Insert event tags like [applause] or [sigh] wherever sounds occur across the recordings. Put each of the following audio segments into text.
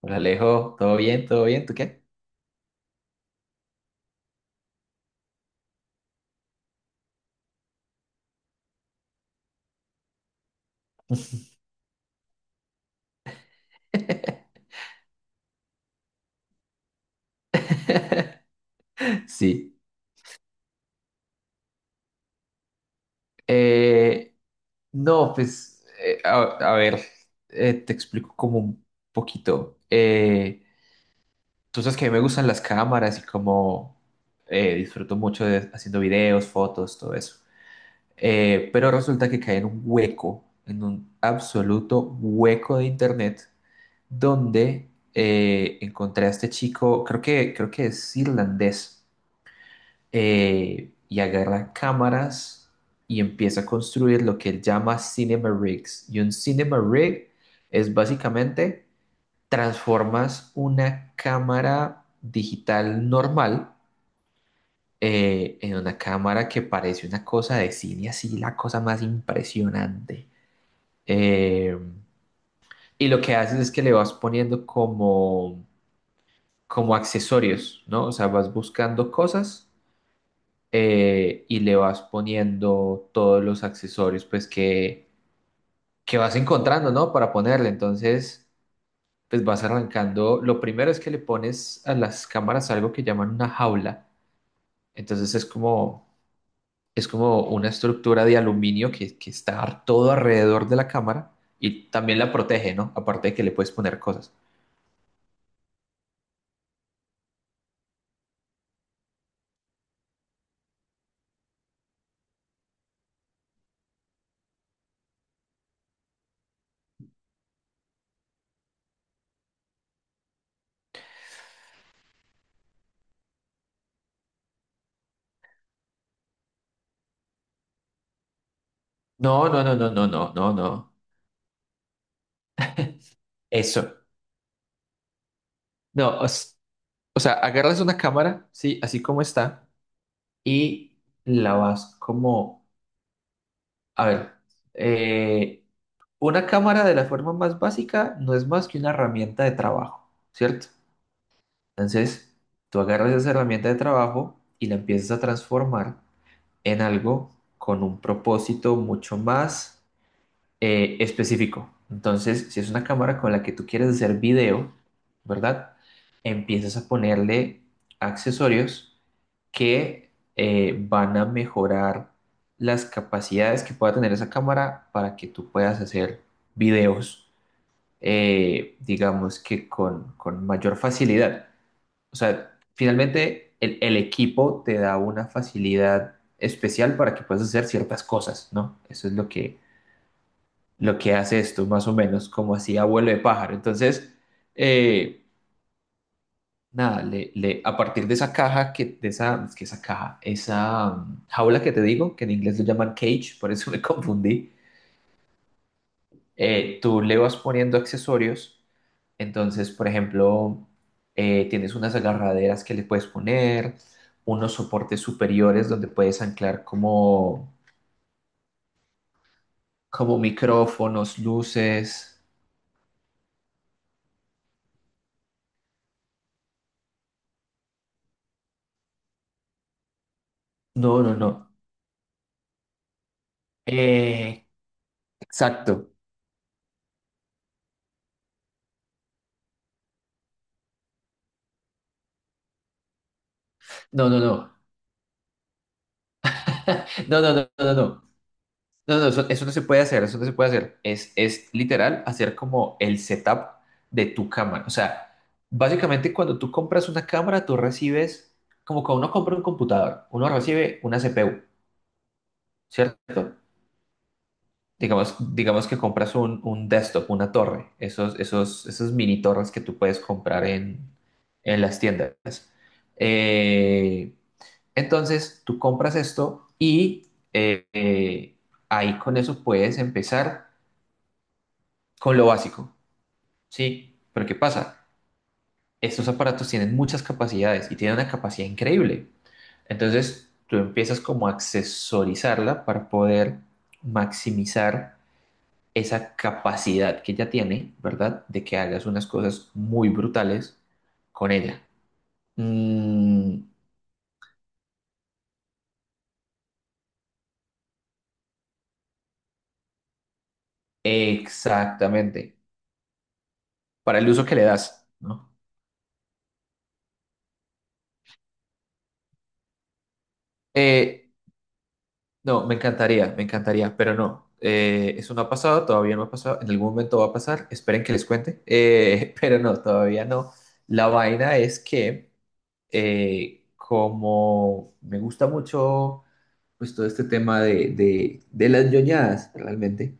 Hola Alejo, ¿todo bien? ¿Todo bien? ¿Tú qué? [laughs] Sí. Eh, no, pues, a ver, te explico como un poquito. Tú sabes que a mí me gustan las cámaras y como disfruto mucho haciendo videos, fotos, todo eso. Pero resulta que caí en un hueco, en un absoluto hueco de internet, donde encontré a este chico, creo que es irlandés. Y agarra cámaras y empieza a construir lo que él llama cinema rigs. Y un cinema rig es básicamente transformas una cámara digital normal en una cámara que parece una cosa de cine, así la cosa más impresionante. Eh, y lo que haces es que le vas poniendo como accesorios, ¿no? O sea, vas buscando cosas y le vas poniendo todos los accesorios pues que vas encontrando, ¿no? Para ponerle. Entonces, pues vas arrancando. Lo primero es que le pones a las cámaras algo que llaman una jaula. Entonces es como una estructura de aluminio que está todo alrededor de la cámara y también la protege, ¿no? Aparte de que le puedes poner cosas. No, no, no, no, no, no, no, no. Eso. No, o sea, agarras una cámara, sí, así como está y la vas como, a ver, eh, una cámara de la forma más básica no es más que una herramienta de trabajo, ¿cierto? Entonces, tú agarras esa herramienta de trabajo y la empiezas a transformar en algo con un propósito mucho más específico. Entonces, si es una cámara con la que tú quieres hacer video, ¿verdad? Empiezas a ponerle accesorios que van a mejorar las capacidades que pueda tener esa cámara para que tú puedas hacer videos, digamos que con mayor facilidad. O sea, finalmente el equipo te da una facilidad especial para que puedas hacer ciertas cosas, ¿no? Eso es lo que hace esto, más o menos, como así abuelo de pájaro. Entonces, eh, nada, a partir de esa caja, que, de esa, es que esa caja, esa jaula que te digo, que en inglés lo llaman cage, por eso me [laughs] confundí. Tú le vas poniendo accesorios. Entonces, por ejemplo, tienes unas agarraderas que le puedes poner, unos soportes superiores donde puedes anclar como, como micrófonos, luces. No, no, no. Eh, exacto. No, no, no. No, no, no, no, no. No, no, eso no se puede hacer, eso no se puede hacer. Es literal hacer como el setup de tu cámara. O sea, básicamente cuando tú compras una cámara, tú recibes, como cuando uno compra un computador, uno recibe una CPU, ¿cierto? Digamos que compras un desktop, una torre, esos, esos mini torres que tú puedes comprar en las tiendas. Eh, entonces, tú compras esto y eh, eh, ahí con eso puedes empezar con lo básico, ¿sí? Pero ¿qué pasa? Estos aparatos tienen muchas capacidades y tienen una capacidad increíble. Entonces, tú empiezas como a accesorizarla para poder maximizar esa capacidad que ella tiene, ¿verdad? De que hagas unas cosas muy brutales con ella. Mm, Exactamente. Para el uso que le das, ¿no? Eh, No, me encantaría, pero no. Eso no ha pasado, todavía no ha pasado. En algún momento va a pasar, esperen que les cuente. [laughs] Pero no, todavía no. La vaina es que, como me gusta mucho pues, todo este tema de las ñoñadas, realmente,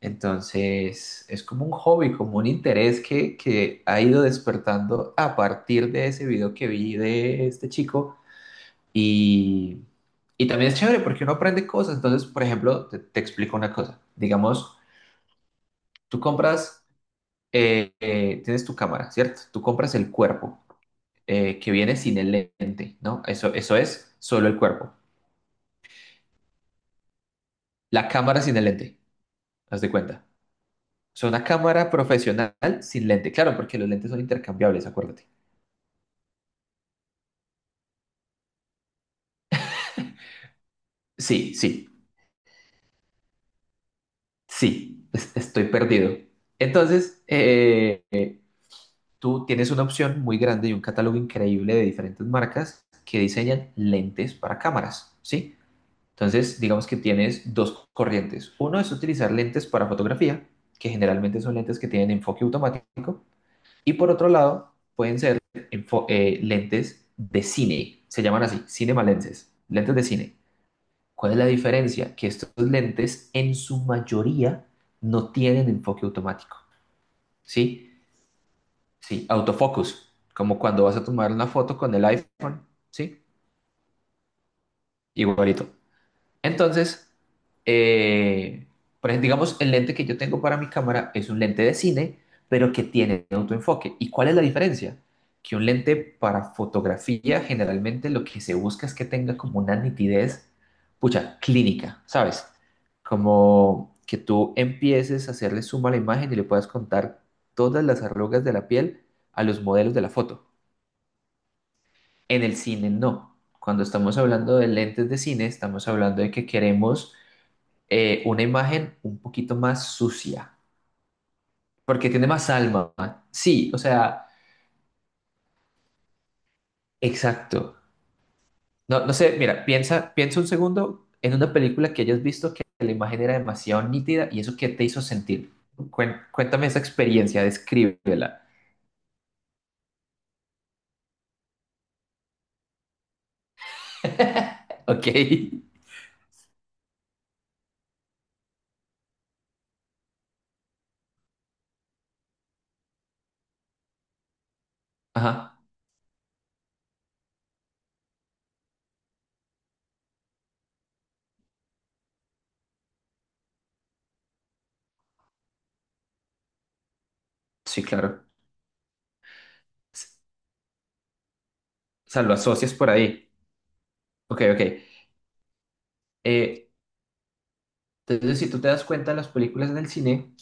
entonces es como un hobby, como un interés que ha ido despertando a partir de ese video que vi de este chico y, y también es chévere porque uno aprende cosas. Entonces, por ejemplo, te explico una cosa. Digamos, tú compras, tienes tu cámara, ¿cierto? Tú compras el cuerpo que viene sin el lente, ¿no? Eso es solo el cuerpo. La cámara sin el lente, haz de cuenta. O sea, una cámara profesional sin lente. Claro, porque los lentes son intercambiables, acuérdate. Sí, sí, sí, estoy perdido. Entonces, tú tienes una opción muy grande y un catálogo increíble de diferentes marcas que diseñan lentes para cámaras, ¿sí? Entonces, digamos que tienes dos corrientes. Uno es utilizar lentes para fotografía, que generalmente son lentes que tienen enfoque automático, y por otro lado, pueden ser lentes de cine, se llaman así, cinema lenses, lentes de cine. ¿Cuál es la diferencia? Que estos lentes en su mayoría no tienen enfoque automático, ¿sí? Sí, autofocus, como cuando vas a tomar una foto con el iPhone, ¿sí? Igualito. Entonces, eh, por ejemplo, digamos, el lente que yo tengo para mi cámara es un lente de cine, pero que tiene autoenfoque. ¿Y cuál es la diferencia? Que un lente para fotografía generalmente lo que se busca es que tenga como una nitidez, pucha, clínica, ¿sabes? Como que tú empieces a hacerle suma a la imagen y le puedas contar todas las arrugas de la piel a los modelos de la foto. En el cine no. Cuando estamos hablando de lentes de cine, estamos hablando de que queremos una imagen un poquito más sucia, porque tiene más alma. Sí, o sea, exacto. No, no sé, mira, piensa un segundo en una película que hayas visto que la imagen era demasiado nítida y eso qué te hizo sentir. Cuéntame esa experiencia, descríbela. Ok. [laughs] Ajá. Sí, claro. S- O sea, lo asocias por ahí. Ok, ok. Eh, entonces, si tú te das cuenta, las películas en el cine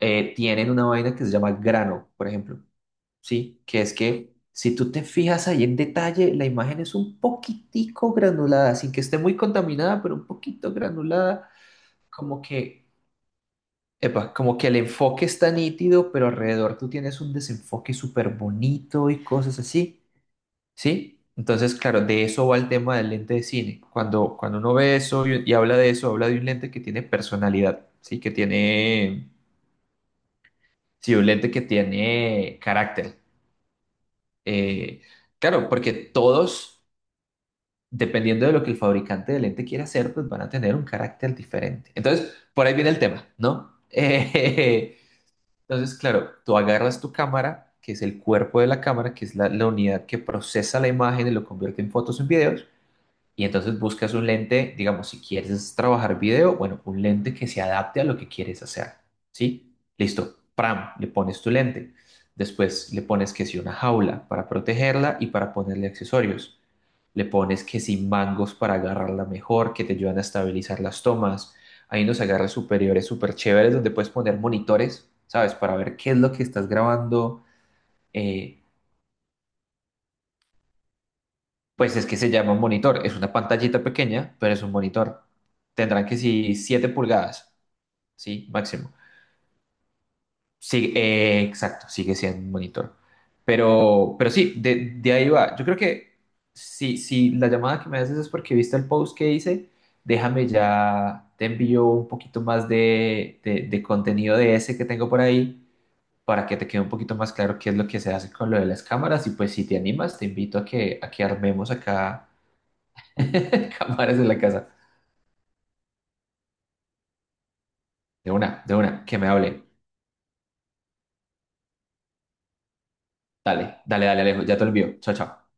tienen una vaina que se llama grano, por ejemplo, ¿sí? Que es que si tú te fijas ahí en detalle, la imagen es un poquitico granulada, sin que esté muy contaminada, pero un poquito granulada, como que, epa, como que el enfoque está nítido, pero alrededor tú tienes un desenfoque súper bonito y cosas así, ¿sí? Entonces, claro, de eso va el tema del lente de cine. Cuando uno ve eso y habla de eso, habla de un lente que tiene personalidad, ¿sí? Que tiene... Sí, un lente que tiene carácter. Eh, claro, porque todos, dependiendo de lo que el fabricante de lente quiera hacer, pues van a tener un carácter diferente. Entonces, por ahí viene el tema, ¿no? [laughs] Entonces, claro, tú agarras tu cámara, que es el cuerpo de la cámara, que es la unidad que procesa la imagen y lo convierte en fotos, en videos. Y entonces buscas un lente, digamos, si quieres trabajar video, bueno, un lente que se adapte a lo que quieres hacer. ¿Sí? Listo. Pram, le pones tu lente. Después le pones que si una jaula para protegerla y para ponerle accesorios. Le pones que si mangos para agarrarla mejor, que te ayudan a estabilizar las tomas. Hay unos agarres superiores súper chéveres donde puedes poner monitores, ¿sabes? Para ver qué es lo que estás grabando. Eh, Pues es que se llama un monitor, es una pantallita pequeña, pero es un monitor. Tendrán que si 7 pulgadas, sí, máximo. Sí, exacto, sigue siendo un monitor. Pero sí, de ahí va. Yo creo que si la llamada que me haces es porque viste el post que hice, déjame ya, te envío un poquito más de contenido de ese que tengo por ahí para que te quede un poquito más claro qué es lo que se hace con lo de las cámaras. Y pues si te animas, te invito a que armemos acá [laughs] cámaras en la casa. De una, que me hable. Dale, dale, dale, Alejo, ya te olvido. Chao, chao.